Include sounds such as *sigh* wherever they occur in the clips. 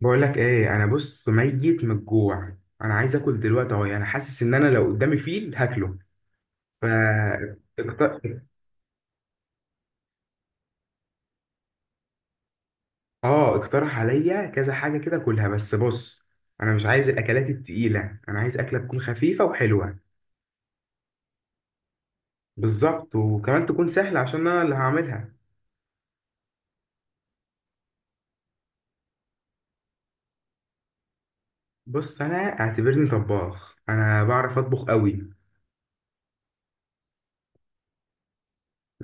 بقول لك ايه؟ انا بص ميت من الجوع. انا عايز اكل دلوقتي اهو، يعني حاسس ان انا لو قدامي فيل هاكله. ف اقت- اه اقترح عليا كذا حاجه كده كلها، بس بص انا مش عايز الاكلات التقيله. انا عايز اكله تكون خفيفه وحلوه. بالظبط، وكمان تكون سهله عشان انا اللي هعملها. بص انا اعتبرني طباخ، انا بعرف اطبخ قوي.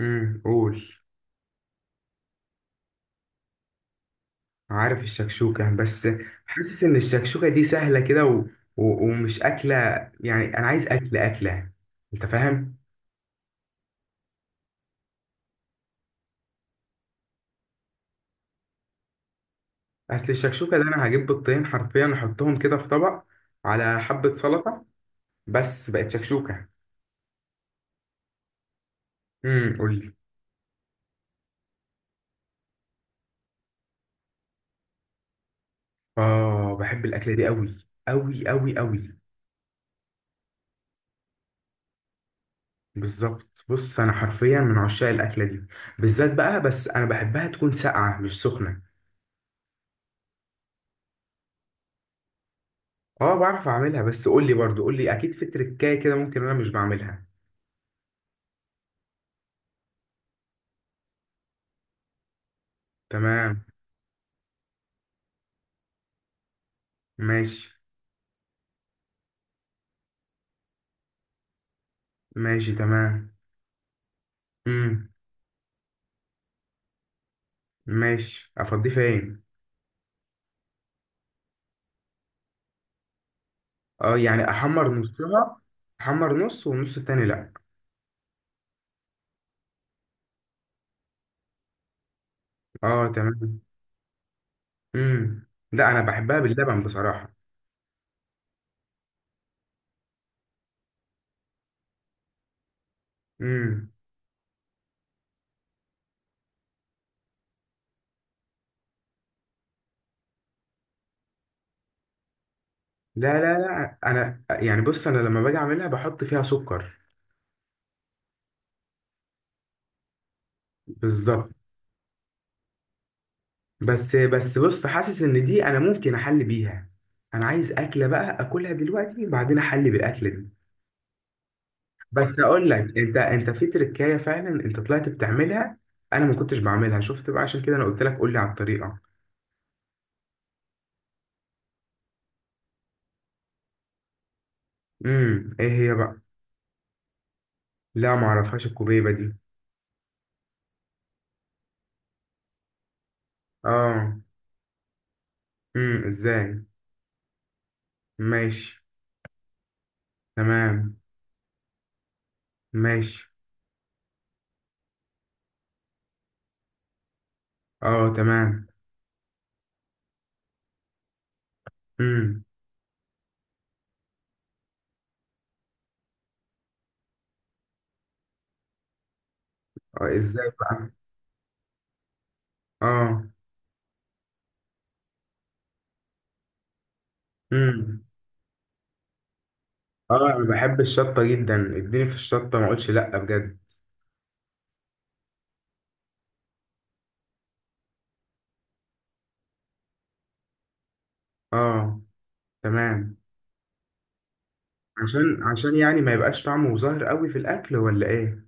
قول. عارف الشكشوكة بس، حاسس إن الشكشوكة دي سهلة كده ومش أكلة، يعني أنا عايز أكل أكلة. أنت فاهم؟ أصل الشكشوكة ده أنا هجيب بيضتين حرفيا أحطهم كده في طبق على حبة سلطة، بس بقت شكشوكة. قولي. آه، بحب الأكلة دي أوي أوي أوي أوي. بالظبط، بص أنا حرفيا من عشاق الأكلة دي، بالذات بقى، بس أنا بحبها تكون ساقعة مش سخنة. اه، بعرف أعملها، بس قولي برضو، قولي، أكيد في تركاية كده ممكن أنا مش بعملها. تمام. ماشي. ماشي تمام. امم ماشي، افضيه فين؟ اه، يعني احمر نصها. احمر نص والنص التاني لا. اه، تمام. لا، انا بحبها باللبن بصراحة. امم. لا لا لا، انا يعني بص، انا لما باجي اعملها بحط فيها سكر. بالظبط. بس بس، بص حاسس ان دي انا ممكن احل بيها. انا عايز اكله بقى اكلها دلوقتي، بعدين احل بالاكل. بس اقول لك انت في تركايه، فعلا انت طلعت بتعملها. انا ما كنتش بعملها، شفت بقى، عشان كده انا قلت لك قول لي على الطريقه. ايه هي بقى؟ لا، ما اعرفهاش الكوبيبه دي. اه. ازاي؟ ماشي، تمام. ماشي. اه، تمام. امم. اه، ازاي بقى؟ اه. امم. اه، انا بحب الشطه جدا، اديني في الشطه ما اقولش لا بجد. اه، تمام. عشان يعني ما يبقاش طعمه ظاهر قوي في الاكل ولا ايه؟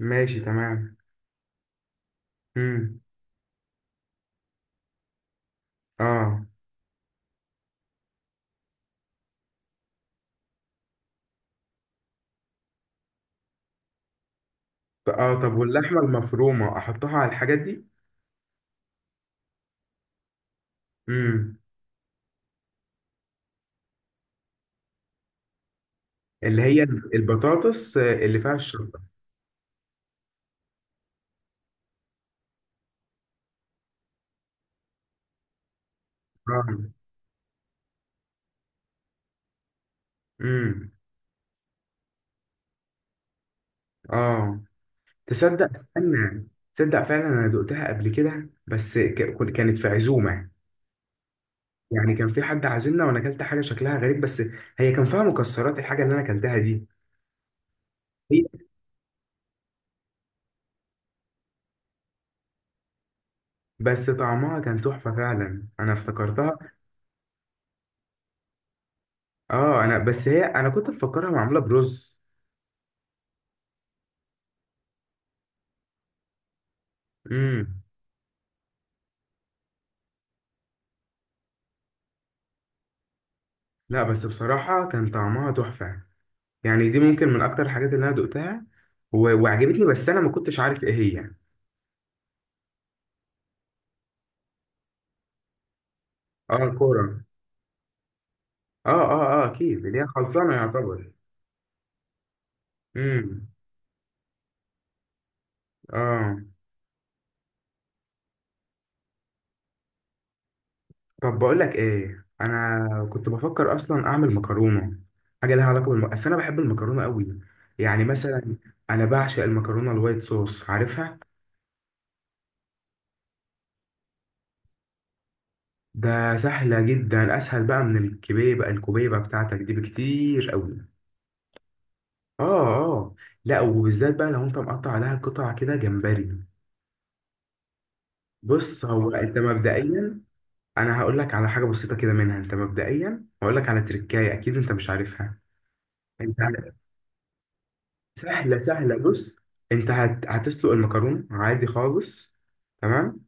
ماشي، تمام. مم. اه، طب واللحمه المفرومه احطها على الحاجات دي؟ امم. اللي هي البطاطس اللي فيها الشطه. اه. امم. اه، تصدق، استنى. تصدق فعلا انا دقتها قبل كده، بس كانت في عزومه، يعني كان في حد عازمنا وانا اكلت حاجه شكلها غريب، بس هي كان فيها مكسرات الحاجه اللي انا اكلتها دي. هي، بس طعمها كان تحفه، فعلا انا افتكرتها. اه، انا بس هي، انا كنت مفكرها معموله برز. امم. لا، بس بصراحه كان طعمها تحفه، يعني دي ممكن من اكتر الحاجات اللي انا دقتها وعجبتني، بس انا ما كنتش عارف ايه هي يعني. اه، الكوره. اه اه اه، اكيد اللي هي خلصانه يعتبر. امم. اه، طب بقول لك ايه، انا كنت بفكر اصلا اعمل مكرونه، حاجه لها علاقه بس انا بحب المكرونه قوي. يعني مثلا، انا بعشق المكرونه الوايت صوص، عارفها. ده سهله جدا، اسهل بقى من الكبيبه، الكبيبه بتاعتك دي بكتير قوي. اه. اه. لا، وبالذات بقى لو انت مقطع عليها قطع كده جمبري. بص هو انت مبدئيا، انا هقول لك على حاجه بسيطه كده منها، انت مبدئيا هقول لك على تركايه اكيد انت مش عارفها. انت، سهله سهله، بص، انت هتسلق المكرونه عادي خالص. تمام.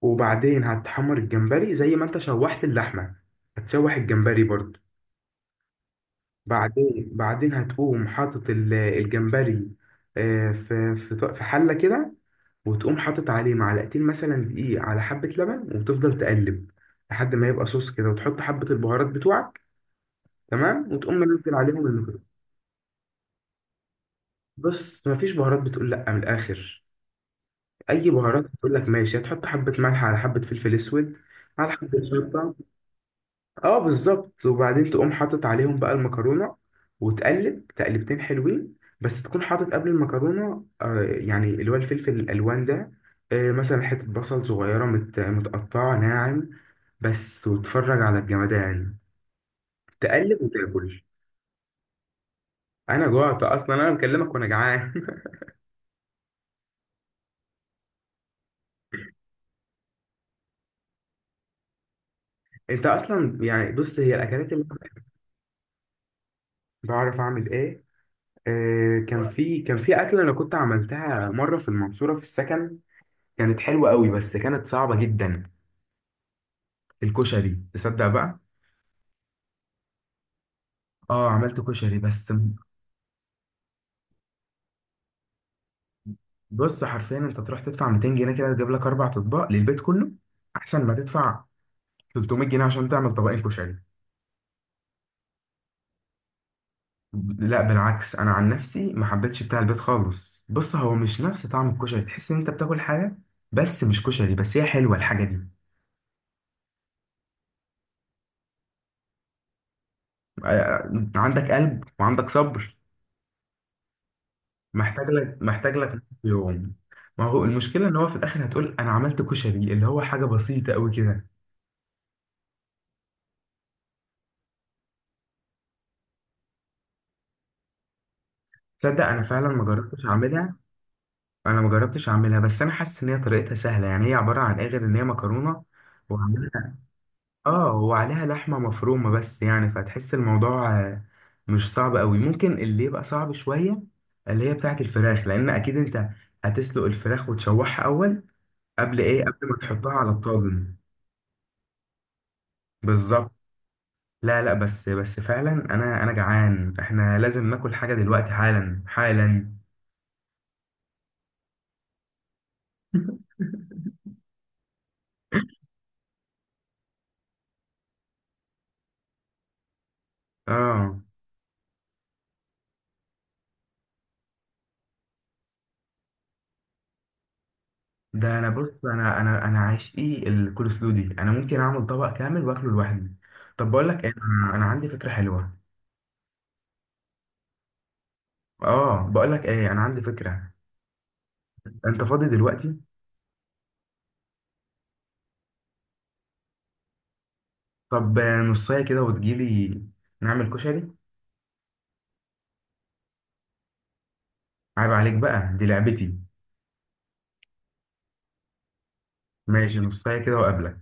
وبعدين هتحمر الجمبري زي ما انت شوحت اللحمه، هتشوح الجمبري برضو. بعدين هتقوم حاطط الجمبري، آه، في حله كده، وتقوم حاطط عليه معلقتين مثلا دقيق على حبة لبن، وتفضل تقلب لحد ما يبقى صوص كده، وتحط حبة البهارات بتوعك. تمام، وتقوم منزل عليهم المكرونة. بص، مفيش بهارات، بتقول لأ من الآخر. أي بهارات بتقول لك ماشي، هتحط حبة ملح على حبة فلفل أسود، على حبة شطة. اه، بالظبط، وبعدين تقوم حاطط عليهم بقى المكرونة، وتقلب تقلبتين حلوين. بس تكون حاطط قبل المكرونة، آه، يعني اللي هو الفلفل الألوان ده، آه، مثلا حتة بصل صغيرة متقطعة ناعم بس، وتفرج على الجمدان، تقلب وتاكل. أنا جوعت أصلا، أنا مكلمك وأنا جعان. *laughs* أنت أصلا يعني، بص هي الأكلات اللي أنا بعرف أعمل إيه؟ آه، كان في أكلة أنا كنت عملتها مرة في المنصورة في السكن، كانت حلوة قوي بس كانت صعبة جدا. الكشري، تصدق بقى. اه، عملت كشري بس. بص حرفيا انت تروح تدفع 200 جنيه كده، تجيب لك اربع اطباق للبيت كله، احسن ما تدفع 300 جنيه عشان تعمل طبقين كشري. لا بالعكس، انا عن نفسي ما حبيتش بتاع البيت خالص، بص هو مش نفس طعم الكشري، تحس ان انت بتاكل حاجه بس مش كشري، بس هي حلوه الحاجه دي. آه، آه، عندك قلب وعندك صبر؟ محتاج لك يوم. ما هو المشكله ان هو في الاخر هتقول انا عملت كشري، اللي هو حاجه بسيطه قوي كده. تصدق انا فعلا ما جربتش اعملها، انا ما جربتش اعملها، بس انا حاسس ان هي طريقتها سهله، يعني هي عباره عن ايه غير ان هي مكرونه وعليها. اه، وعليها لحمه مفرومه بس، يعني فتحس الموضوع، آه، مش صعب قوي. ممكن اللي يبقى صعب شويه اللي هي بتاعه الفراخ، لان اكيد انت هتسلق الفراخ وتشوحها اول، قبل ايه، قبل ما تحطها على الطاجن. بالظبط. لا لا، بس بس فعلا انا، انا جعان، احنا لازم ناكل حاجه دلوقتي، حالا حالا. اه، ده انا بص انا عشقي الكول سلو دي، انا ممكن اعمل طبق كامل واكله لوحدي. طب بقول لك ايه، أنا عندي فكره حلوه. اه، بقول لك ايه انا عندي فكره. انت فاضي دلوقتي؟ طب، آه، نصايه كده وتجيلي، نعمل كشري. عيب عليك بقى، دي لعبتي. ماشي، نصايه كده وقابلك.